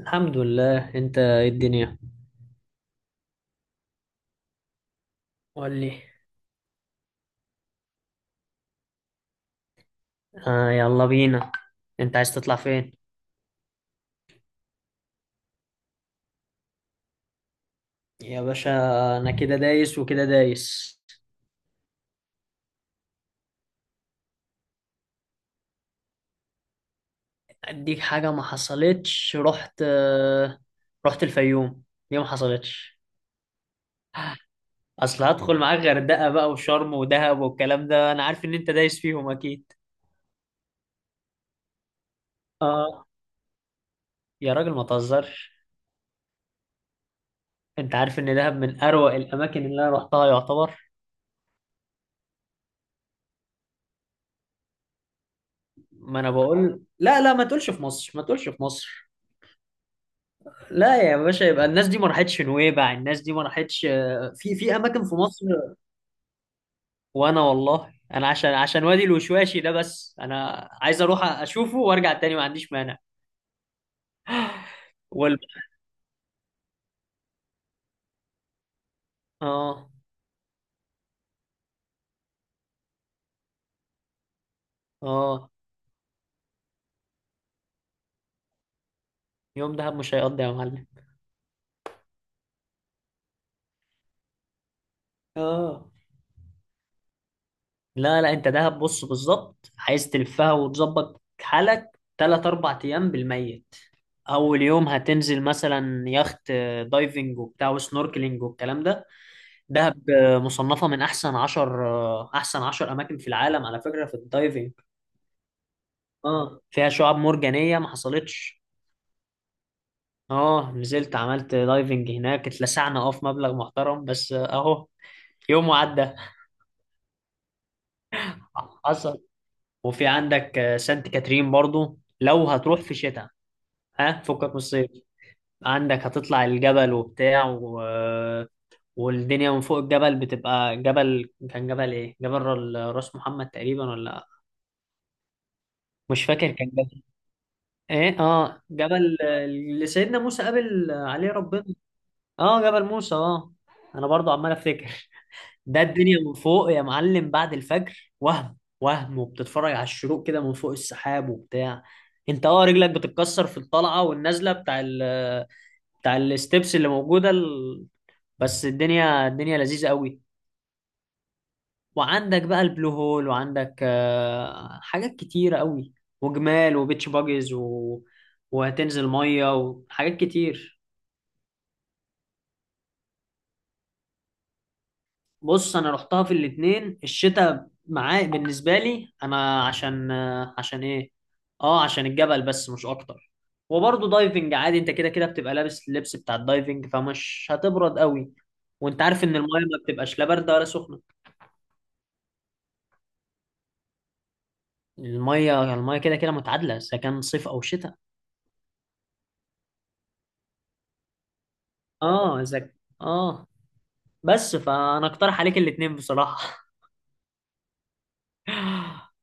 الحمد لله. انت ايه الدنيا؟ قول لي. آه، يلا بينا. انت عايز تطلع فين؟ يا باشا، انا كده دايس وكده دايس. اديك حاجة ما حصلتش. رحت الفيوم. ليه ما حصلتش؟ اصل هدخل معاك غردقة بقى وشرم ودهب والكلام ده، انا عارف ان انت دايس فيهم اكيد. اه، يا راجل ما تهزرش. انت عارف ان دهب من اروع الاماكن اللي انا رحتها يعتبر. ما انا بقول لا، لا ما تقولش في مصر، ما تقولش في مصر. لا يا باشا، يبقى الناس دي ما راحتش نويبع، الناس دي ما راحتش. في اماكن في مصر. وانا والله انا عشان وادي الوشواشي ده بس، انا عايز اروح اشوفه وارجع تاني، ما عنديش مانع. وال... اه اه، يوم دهب مش هيقضي يا معلم. اه، لا لا، انت دهب بص بالظبط عايز تلفها وتظبط حالك تلات اربع ايام بالميت. اول يوم هتنزل مثلا يخت، دايفنج وبتاع وسنوركلينج والكلام ده. دهب مصنفة من أحسن عشر، أحسن عشر أماكن في العالم على فكرة في الدايفنج. اه فيها شعاب مرجانية ما حصلتش. اه نزلت عملت دايفنج هناك، اتلسعنا اه في مبلغ محترم بس، اهو يوم وعدى. حصل. وفي عندك سانت كاترين برضو لو هتروح في شتاء. ها فكك من الصيف. عندك هتطلع الجبل وبتاع والدنيا من فوق الجبل بتبقى. جبل كان، جبل ايه، جبل راس محمد تقريبا ولا... مش فاكر كان ايه. اه جبل اللي سيدنا موسى قابل عليه ربنا. اه جبل موسى. اه انا برضو عمال افتكر. ده الدنيا من فوق يا معلم بعد الفجر، وهم وبتتفرج على الشروق كده من فوق السحاب وبتاع. انت اه رجلك بتتكسر في الطلعه والنازله بتاع بتاع الستبس اللي موجوده بس الدنيا لذيذه قوي. وعندك بقى البلو هول، وعندك حاجات كتيره قوي، وجمال وبيتش باجز وهتنزل ميه وحاجات كتير. بص انا رحتها في الاتنين، الشتاء معايا بالنسبه لي انا عشان ايه؟ اه عشان الجبل بس مش اكتر. وبرضه دايفنج عادي، انت كده كده بتبقى لابس اللبس بتاع الدايفنج فمش هتبرد قوي. وانت عارف ان المايه ما بتبقاش لا بارده ولا سخنه. المايه كده كده متعادله اذا كان صيف او شتاء. اه اه، بس فانا اقترح عليك الاتنين بصراحه.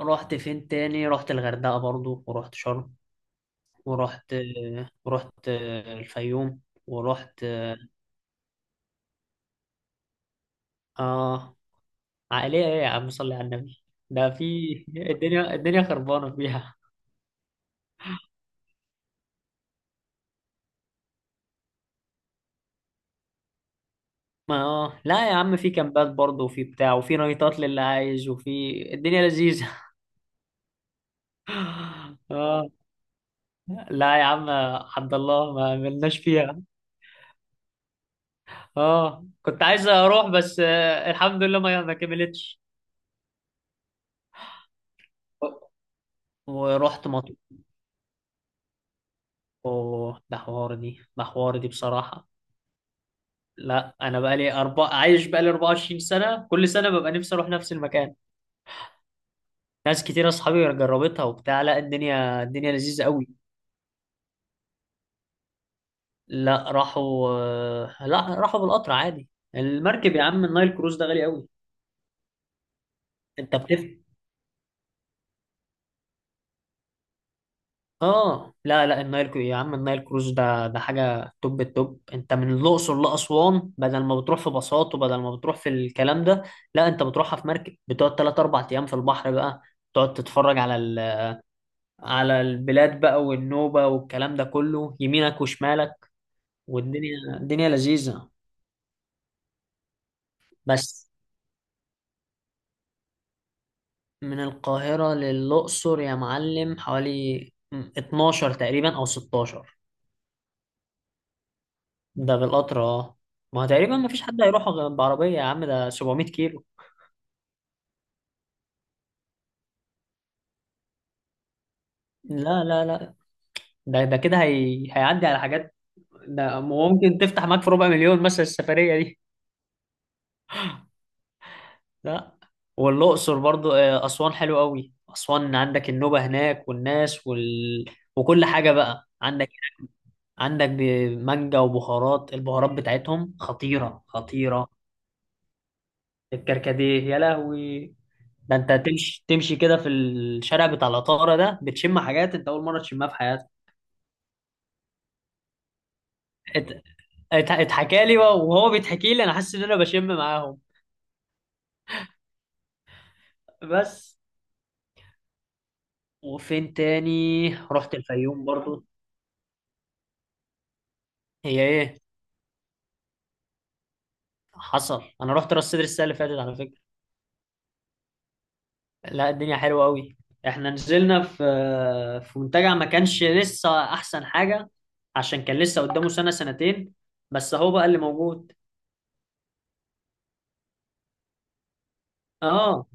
رحت فين تاني؟ رحت الغردقه برضو، ورحت شرم، ورحت ورحت الفيوم. ورحت اه، عائلية ايه يا عم صلي على النبي؟ ده في الدنيا خربانة فيها. ما اه لا يا عم، في كامبات برضه، وفي بتاع، وفي نايتات للي عايز، وفي الدنيا لذيذة. اه، لا يا عم، عبد الله ما عملناش فيها. اه كنت عايز اروح بس، الحمد لله ما كملتش. ورحت مطروح. اوه ده حوار دي، ده حوار دي بصراحة. لا انا بقالي عايش بقالي 24 سنه، كل سنه ببقى نفسي اروح نفس المكان. ناس كتير اصحابي جربتها وبتاع، لا الدنيا لذيذه قوي. لا راحوا لا راحوا بالقطر عادي. المركب يا عم النايل كروز ده غالي قوي. انت بتفهم. اه، لا النايل يا عم النايل كروز ده ده حاجه توب التوب. انت من الاقصر لاسوان بدل ما بتروح في باصات، وبدل ما بتروح في الكلام ده، لا انت بتروحها في مركب، بتقعد 3 4 ايام في البحر بقى، تقعد تتفرج على البلاد بقى والنوبة والكلام ده كله يمينك وشمالك. والدنيا الدنيا لذيذة. بس من القاهرة للأقصر يا معلم حوالي 12 تقريبا أو 16. ده بالقطر اه. ما هو تقريبا ما فيش حد هيروح بعربية يا عم، ده 700 كيلو. لا، لا، لا، ده كده هيعدي على حاجات. ده ممكن تفتح معاك في 250,000 مثلا السفرية. لا، والأقصر برضو، أسوان حلو قوي. أسوان عندك النوبة هناك والناس وكل حاجة بقى عندك. عندك مانجا وبهارات. البهارات بتاعتهم خطيرة خطيرة. الكركديه يا لهوي. ده انت تمشي كده في الشارع بتاع العطارة ده، بتشم حاجات انت أول مرة تشمها في حياتك. ات- اتحكى لي بقى، وهو بيتحكي لي أنا حاسس إن أنا بشم معاهم. بس. وفين تاني؟ رحت الفيوم برضو. هي ايه؟ حصل، انا رحت راس سدر السنه اللي فاتت على فكره. لا الدنيا حلوه قوي. احنا نزلنا في منتجع ما كانش لسه احسن حاجه، عشان كان لسه قدامه سنه سنتين، بس هو بقى اللي موجود. اه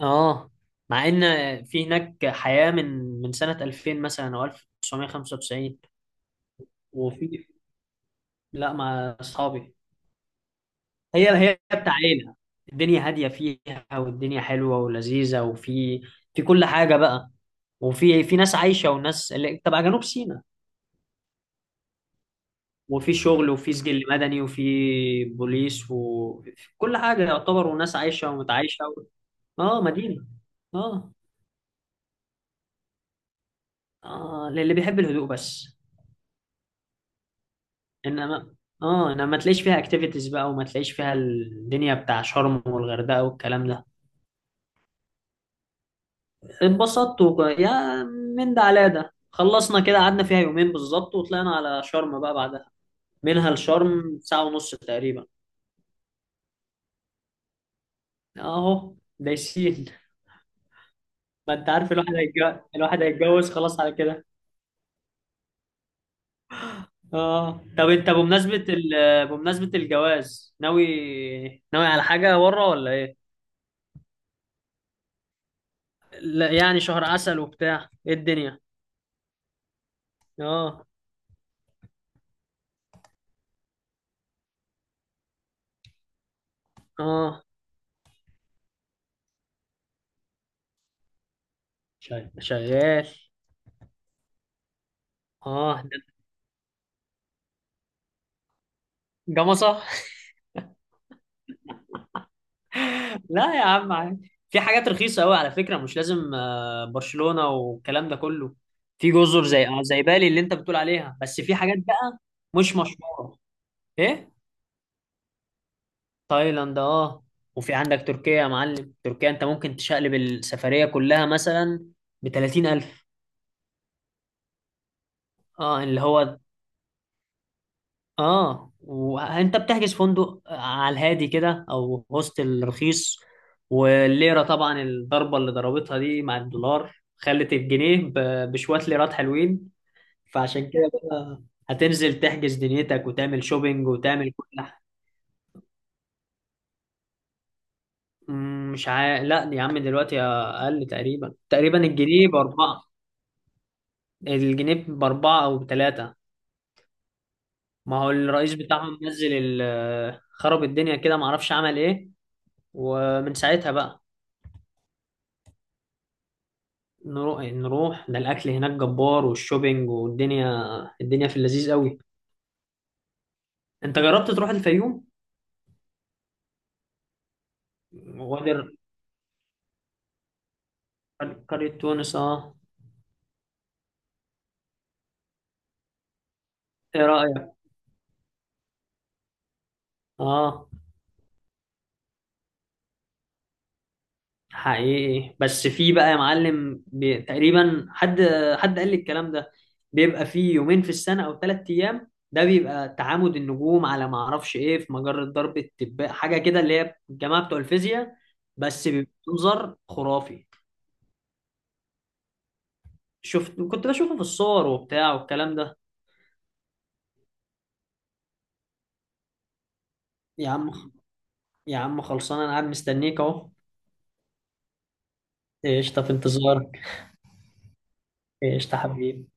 اه، مع ان في هناك حياه من سنه 2000 مثلا او 1995. وفي لا مع اصحابي. هي بتاع عيلة. الدنيا هادية فيها، والدنيا حلوة ولذيذة، وفي كل حاجة بقى. وفي ناس عايشة وناس اللي تبع جنوب سيناء، وفي شغل، وفي سجل مدني، وفي بوليس، وفي كل حاجة يعتبر، وناس عايشة ومتعايشة اه مدينة. اه. اه للي بيحب الهدوء بس. انما اه انما ما تلاقيش فيها اكتيفيتيز بقى، وما تلاقيش فيها الدنيا بتاع شرم والغردقة والكلام ده. اتبسطت يا من ده على ده، خلصنا كده قعدنا فيها يومين بالظبط، وطلعنا على شرم بقى بعدها. منها لشرم ساعة ونص تقريبا. اهو دايسين. ما انت عارف الواحد هيتجوز، الواحد هيتجوز خلاص على كده. اه، طب انت بمناسبة بمناسبة الجواز، ناوي... ناوي على حاجة ورا ولا ايه؟ لا يعني شهر عسل وبتاع، ايه الدنيا؟ اه اه، شغال شغال. اه ده جمصة. لا يا عم عادي، في حاجات رخيصة قوي على فكرة، مش لازم برشلونة والكلام ده كله. في جزر زي، زي بالي اللي انت بتقول عليها، بس في حاجات بقى مش مشهورة. ايه تايلاند. اه وفي عندك تركيا يا معلم. تركيا انت ممكن تشقلب السفرية كلها مثلا ب 30,000. اه اللي هو، اه وانت بتحجز فندق على الهادي كده او هوستل رخيص. والليره طبعا الضربه اللي ضربتها دي مع الدولار خلت الجنيه بشويه ليرات حلوين. فعشان كده بقى هتنزل تحجز دنيتك وتعمل شوبينج وتعمل كل حاجه. مش لا يا عم دلوقتي اقل تقريبا، تقريبا الجنيه باربعه. الجنيه باربعه او بثلاثه. ما هو الرئيس بتاعهم نزل خرب الدنيا كده معرفش عمل ايه، ومن ساعتها بقى. نروح ده الاكل هناك جبار، والشوبينج والدنيا، الدنيا في اللذيذ قوي. انت جربت تروح الفيوم؟ وادر. قرية تونس، اه. ايه رأيك؟ اه. حقيقي بس في بقى يا معلم تقريبا حد، قال لي الكلام ده، بيبقى فيه يومين في السنة او 3 ايام، ده بيبقى تعامد النجوم على ما اعرفش ايه في مجرة درب التباء، حاجة كده اللي هي الجماعة بتوع الفيزياء. بس بيبقى منظر خرافي. شفت كنت بشوفه في الصور وبتاع والكلام ده. يا عم، خلصان انا قاعد مستنيك اهو. قشطة في انتظارك. قشطة حبيبي.